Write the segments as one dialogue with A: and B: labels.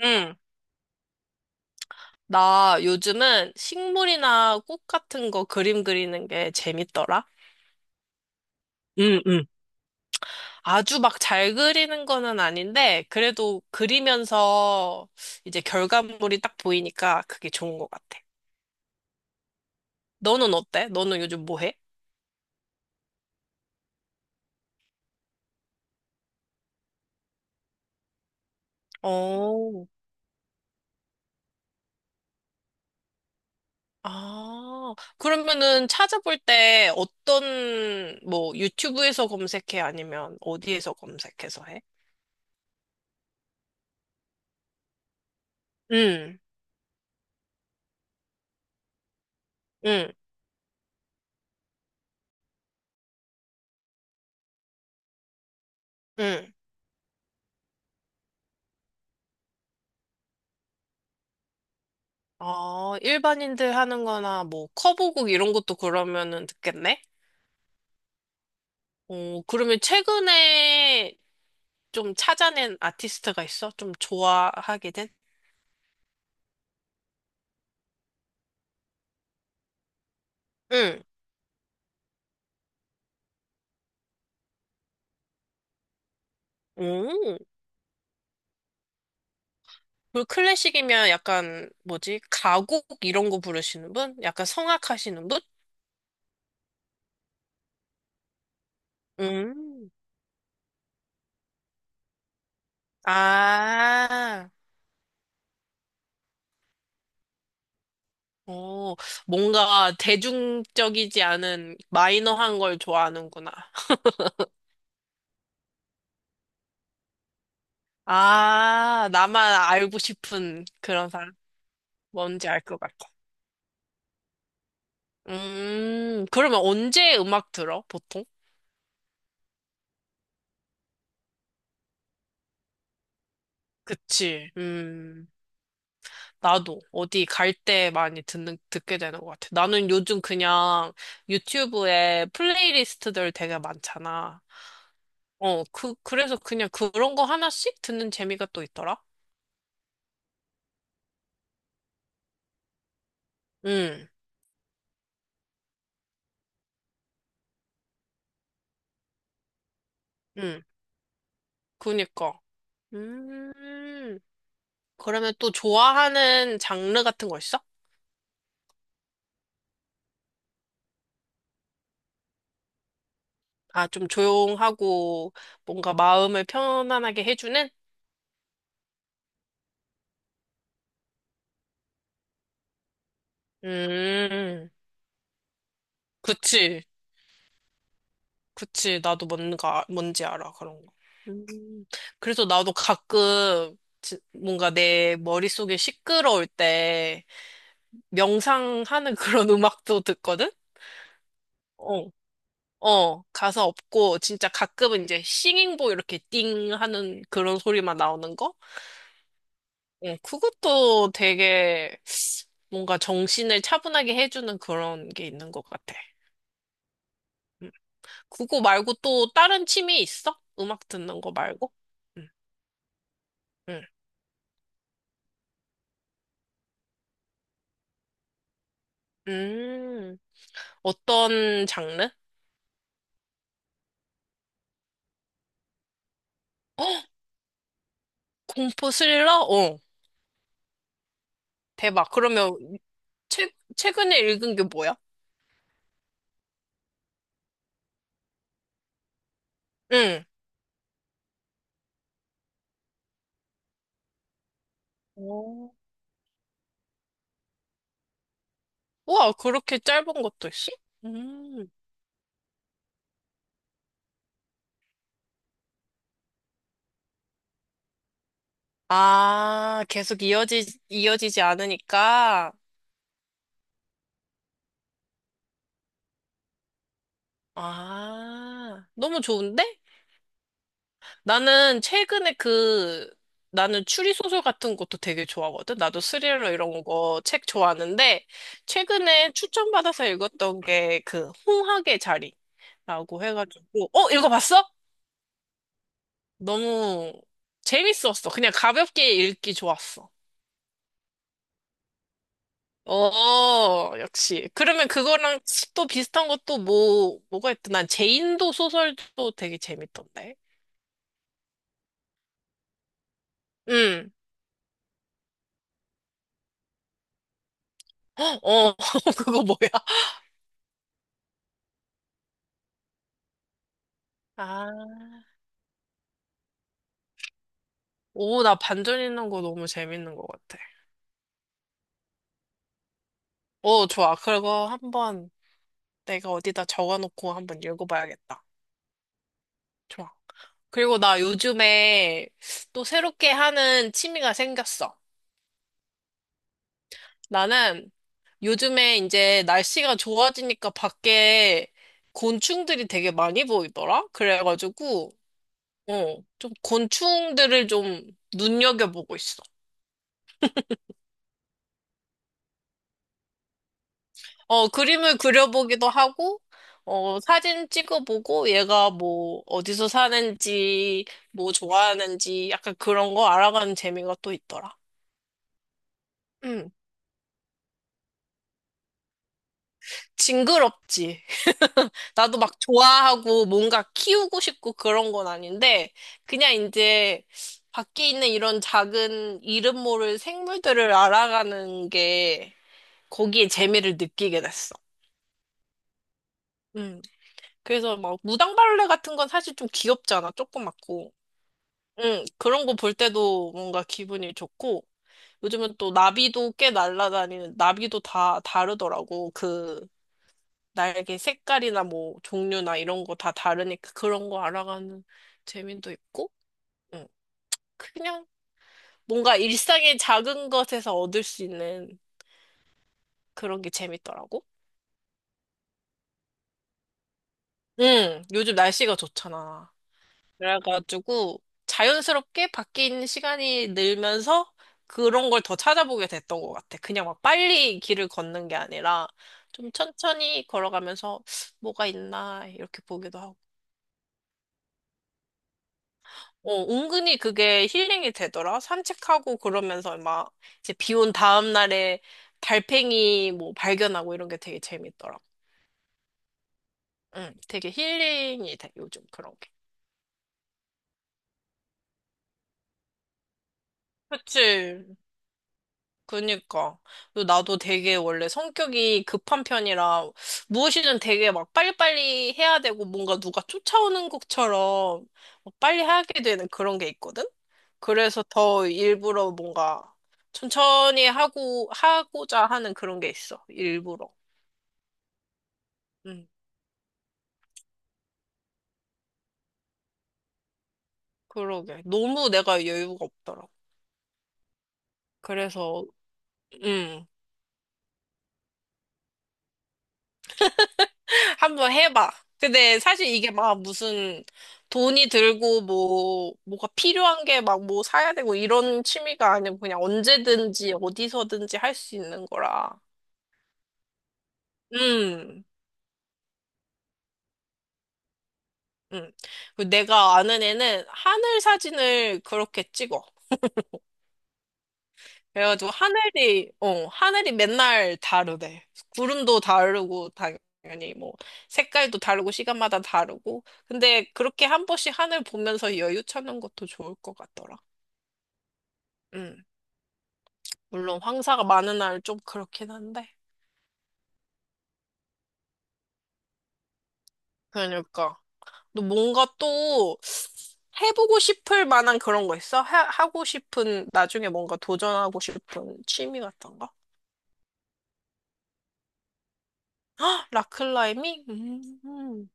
A: 응. 나 요즘은 식물이나 꽃 같은 거 그림 그리는 게 재밌더라. 응, 응. 아주 막 잘 그리는 거는 아닌데, 그래도 그리면서 이제 결과물이 딱 보이니까 그게 좋은 것 같아. 너는 어때? 너는 요즘 뭐 해? 어. 아, 그러면은 찾아볼 때 어떤, 뭐, 유튜브에서 검색해? 아니면 어디에서 검색해서 해? 응, 응, 응. 아, 일반인들 하는 거나 뭐 커브곡 이런 것도 그러면은 듣겠네? 어, 그러면 최근에 좀 찾아낸 아티스트가 있어? 좀 좋아하게 된? 응. 오. 그 클래식이면 약간 뭐지? 가곡 이런 거 부르시는 분? 약간 성악하시는 분? 음. 아. 어, 뭔가 대중적이지 않은 마이너한 걸 좋아하는구나. 아, 나만 알고 싶은 그런 사람. 뭔지 알 것 같아. 그러면 언제 음악 들어, 보통? 그치. 나도 어디 갈 때 많이 듣게 되는 것 같아. 나는 요즘 그냥 유튜브에 플레이리스트들 되게 많잖아. 어, 그래서 그냥 그런 거 하나씩 듣는 재미가 또 있더라. 응, 응, 그니까. 음, 그러면 또 좋아하는 장르 같은 거 있어? 아, 좀 조용하고 뭔가 마음을 편안하게 해주는? 음, 그치, 그치. 나도 뭔가, 뭔지 알아, 그런 거. 음, 그래서 나도 가끔 뭔가 내 머릿속이 시끄러울 때 명상하는 그런 음악도 듣거든? 어, 어, 가사 없고 진짜 가끔은 이제 싱잉보 이렇게 띵 하는 그런 소리만 나오는 거? 어, 그것도 되게 뭔가 정신을 차분하게 해주는 그런 게 있는 것 같아. 음. 그거 말고 또 다른 취미 있어? 음악 듣는 거 말고? 응, 응. 음, 어떤 장르? 어, 공포 스릴러? 어, 대박. 그러면 최근에 읽은 게 뭐야? 응. 오. 우와, 그렇게 짧은 것도 있어? 음. 아, 계속 이어지지 않으니까. 아, 너무 좋은데? 나는 최근에 그, 나는 추리소설 같은 것도 되게 좋아하거든. 나도 스릴러 이런 거 책 좋아하는데, 최근에 추천받아서 읽었던 게 그, 홍학의 자리라고 해가지고, 어, 읽어봤어? 너무 재밌었어. 그냥 가볍게 읽기 좋았어. 어, 역시. 그러면 그거랑 또 비슷한 것도 뭐, 뭐가 있더난 제인도 소설도 되게 재밌던데. 응. 어, 그거 뭐야? 오, 나 반전 있는 거 너무 재밌는 것 같아. 오, 좋아. 그거 한번 내가 어디다 적어놓고 한번 읽어봐야겠다. 좋아. 그리고 나 요즘에 또 새롭게 하는 취미가 생겼어. 나는 요즘에 이제 날씨가 좋아지니까 밖에 곤충들이 되게 많이 보이더라? 그래가지고, 어, 좀 곤충들을 좀 눈여겨보고 있어. 어, 그림을 그려보기도 하고, 어, 사진 찍어보고, 얘가 뭐, 어디서 사는지, 뭐 좋아하는지, 약간 그런 거 알아가는 재미가 또 있더라. 응, 징그럽지. 나도 막 좋아하고, 뭔가 키우고 싶고 그런 건 아닌데, 그냥 이제, 밖에 있는 이런 작은 이름 모를 생물들을 알아가는 게, 거기에 재미를 느끼게 됐어. 음 그래서 막 무당벌레 같은 건 사실 좀 귀엽잖아. 조그맣고. 응, 그런 거 볼 때도 뭔가 기분이 좋고, 요즘은 또 나비도 꽤 날아다니는, 나비도 다 다르더라고. 그 날개 색깔이나 뭐 종류나 이런 거 다 다르니까 그런 거 알아가는 재미도 있고, 응. 그냥 뭔가 일상의 작은 것에서 얻을 수 있는 그런 게 재밌더라고. 응, 요즘 날씨가 좋잖아. 그래가지고 자연스럽게 밖에 있는 시간이 늘면서 그런 걸 더 찾아보게 됐던 것 같아. 그냥 막 빨리 길을 걷는 게 아니라 좀 천천히 걸어가면서 뭐가 있나 이렇게 보기도 하고. 어, 은근히 그게 힐링이 되더라. 산책하고 그러면서 막 이제 비온 다음 날에 달팽이 뭐 발견하고 이런 게 되게 재밌더라. 응, 되게 힐링이 돼, 요즘 그런 게. 그치. 그니까. 그리고 나도 되게 원래 성격이 급한 편이라 무엇이든 되게 막 빨리빨리 해야 되고 뭔가 누가 쫓아오는 것처럼 막 빨리 하게 되는 그런 게 있거든? 그래서 더 일부러 뭔가 천천히 하고, 하고자 하는 그런 게 있어. 일부러. 응, 그러게. 너무 내가 여유가 없더라고. 그래서, 응. 한 번 해봐. 근데 사실 이게 막 무슨 돈이 들고 뭐, 뭐가 필요한 게 막 뭐 사야 되고 이런 취미가 아니고 그냥 언제든지 어디서든지 할 수 있는 거라. 음, 음. 그 내가 아는 애는 하늘 사진을 그렇게 찍어. 그래가지고 하늘이, 어, 하늘이 맨날 다르대. 구름도 다르고, 당연히 뭐, 색깔도 다르고, 시간마다 다르고. 근데 그렇게 한 번씩 하늘 보면서 여유 찾는 것도 좋을 것 같더라. 음. 물론 황사가 많은 날 좀 그렇긴 한데. 그러니까. 너 뭔가 또 해보고 싶을 만한 그런 거 있어? 하고 싶은, 나중에 뭔가 도전하고 싶은 취미 같은 거? 헉, 락클라이밍?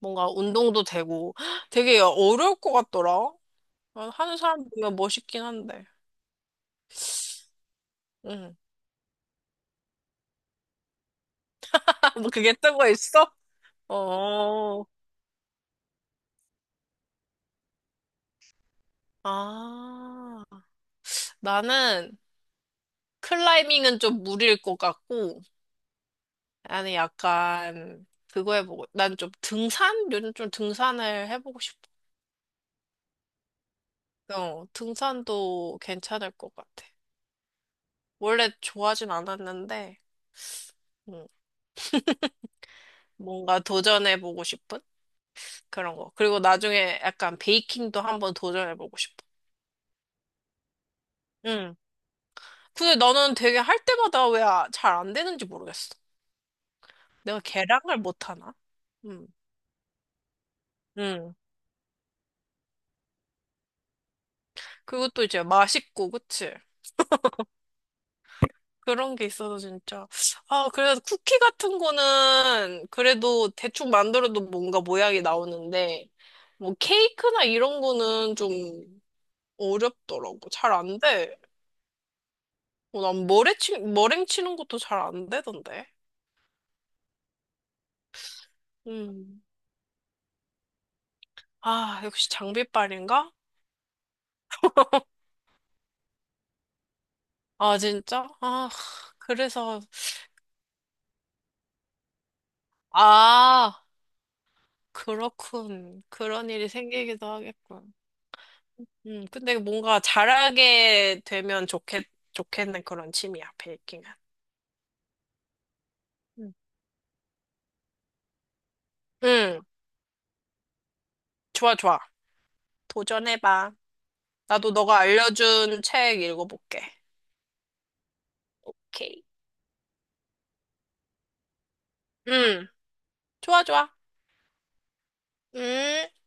A: 뭔가 운동도 되고 헉, 되게 어려울 것 같더라. 난 하는 사람 보면 멋있긴 한데. 응. 뭐 그게 뜨고 있어? 어. 아. 나는 클라이밍은 좀 무리일 것 같고 나는 약간, 그거 해보고, 난 좀 등산? 요즘 좀 등산을 해보고 싶어. 어, 등산도 괜찮을 것 같아. 원래 좋아하진 않았는데, 음, 뭔가 도전해보고 싶은 그런 거. 그리고 나중에 약간 베이킹도 한번 도전해보고 싶어. 응. 근데 나는 되게 할 때마다 왜 잘 안 되는지 모르겠어. 내가 계량을 못하나? 응. 응. 그리고 또 이제 맛있고, 그치? 그런 게 있어서 진짜. 아, 그래서 쿠키 같은 거는 그래도 대충 만들어도 뭔가 모양이 나오는데, 뭐 케이크나 이런 거는 좀 어렵더라고. 잘 안 돼. 어, 난 머랭 치는 것도 잘 안 되던데. 음. 아, 역시 장비빨인가? 아, 진짜? 아, 그래서, 아, 그렇군. 그런 일이 생기기도 하겠군. 근데 뭔가 좋겠는 그런 취미야, 베이킹은. 응, 응, 좋아, 좋아. 도전해봐. 나도 너가 알려준 책 읽어볼게. 오케이. 응, 좋아, 좋아. 음.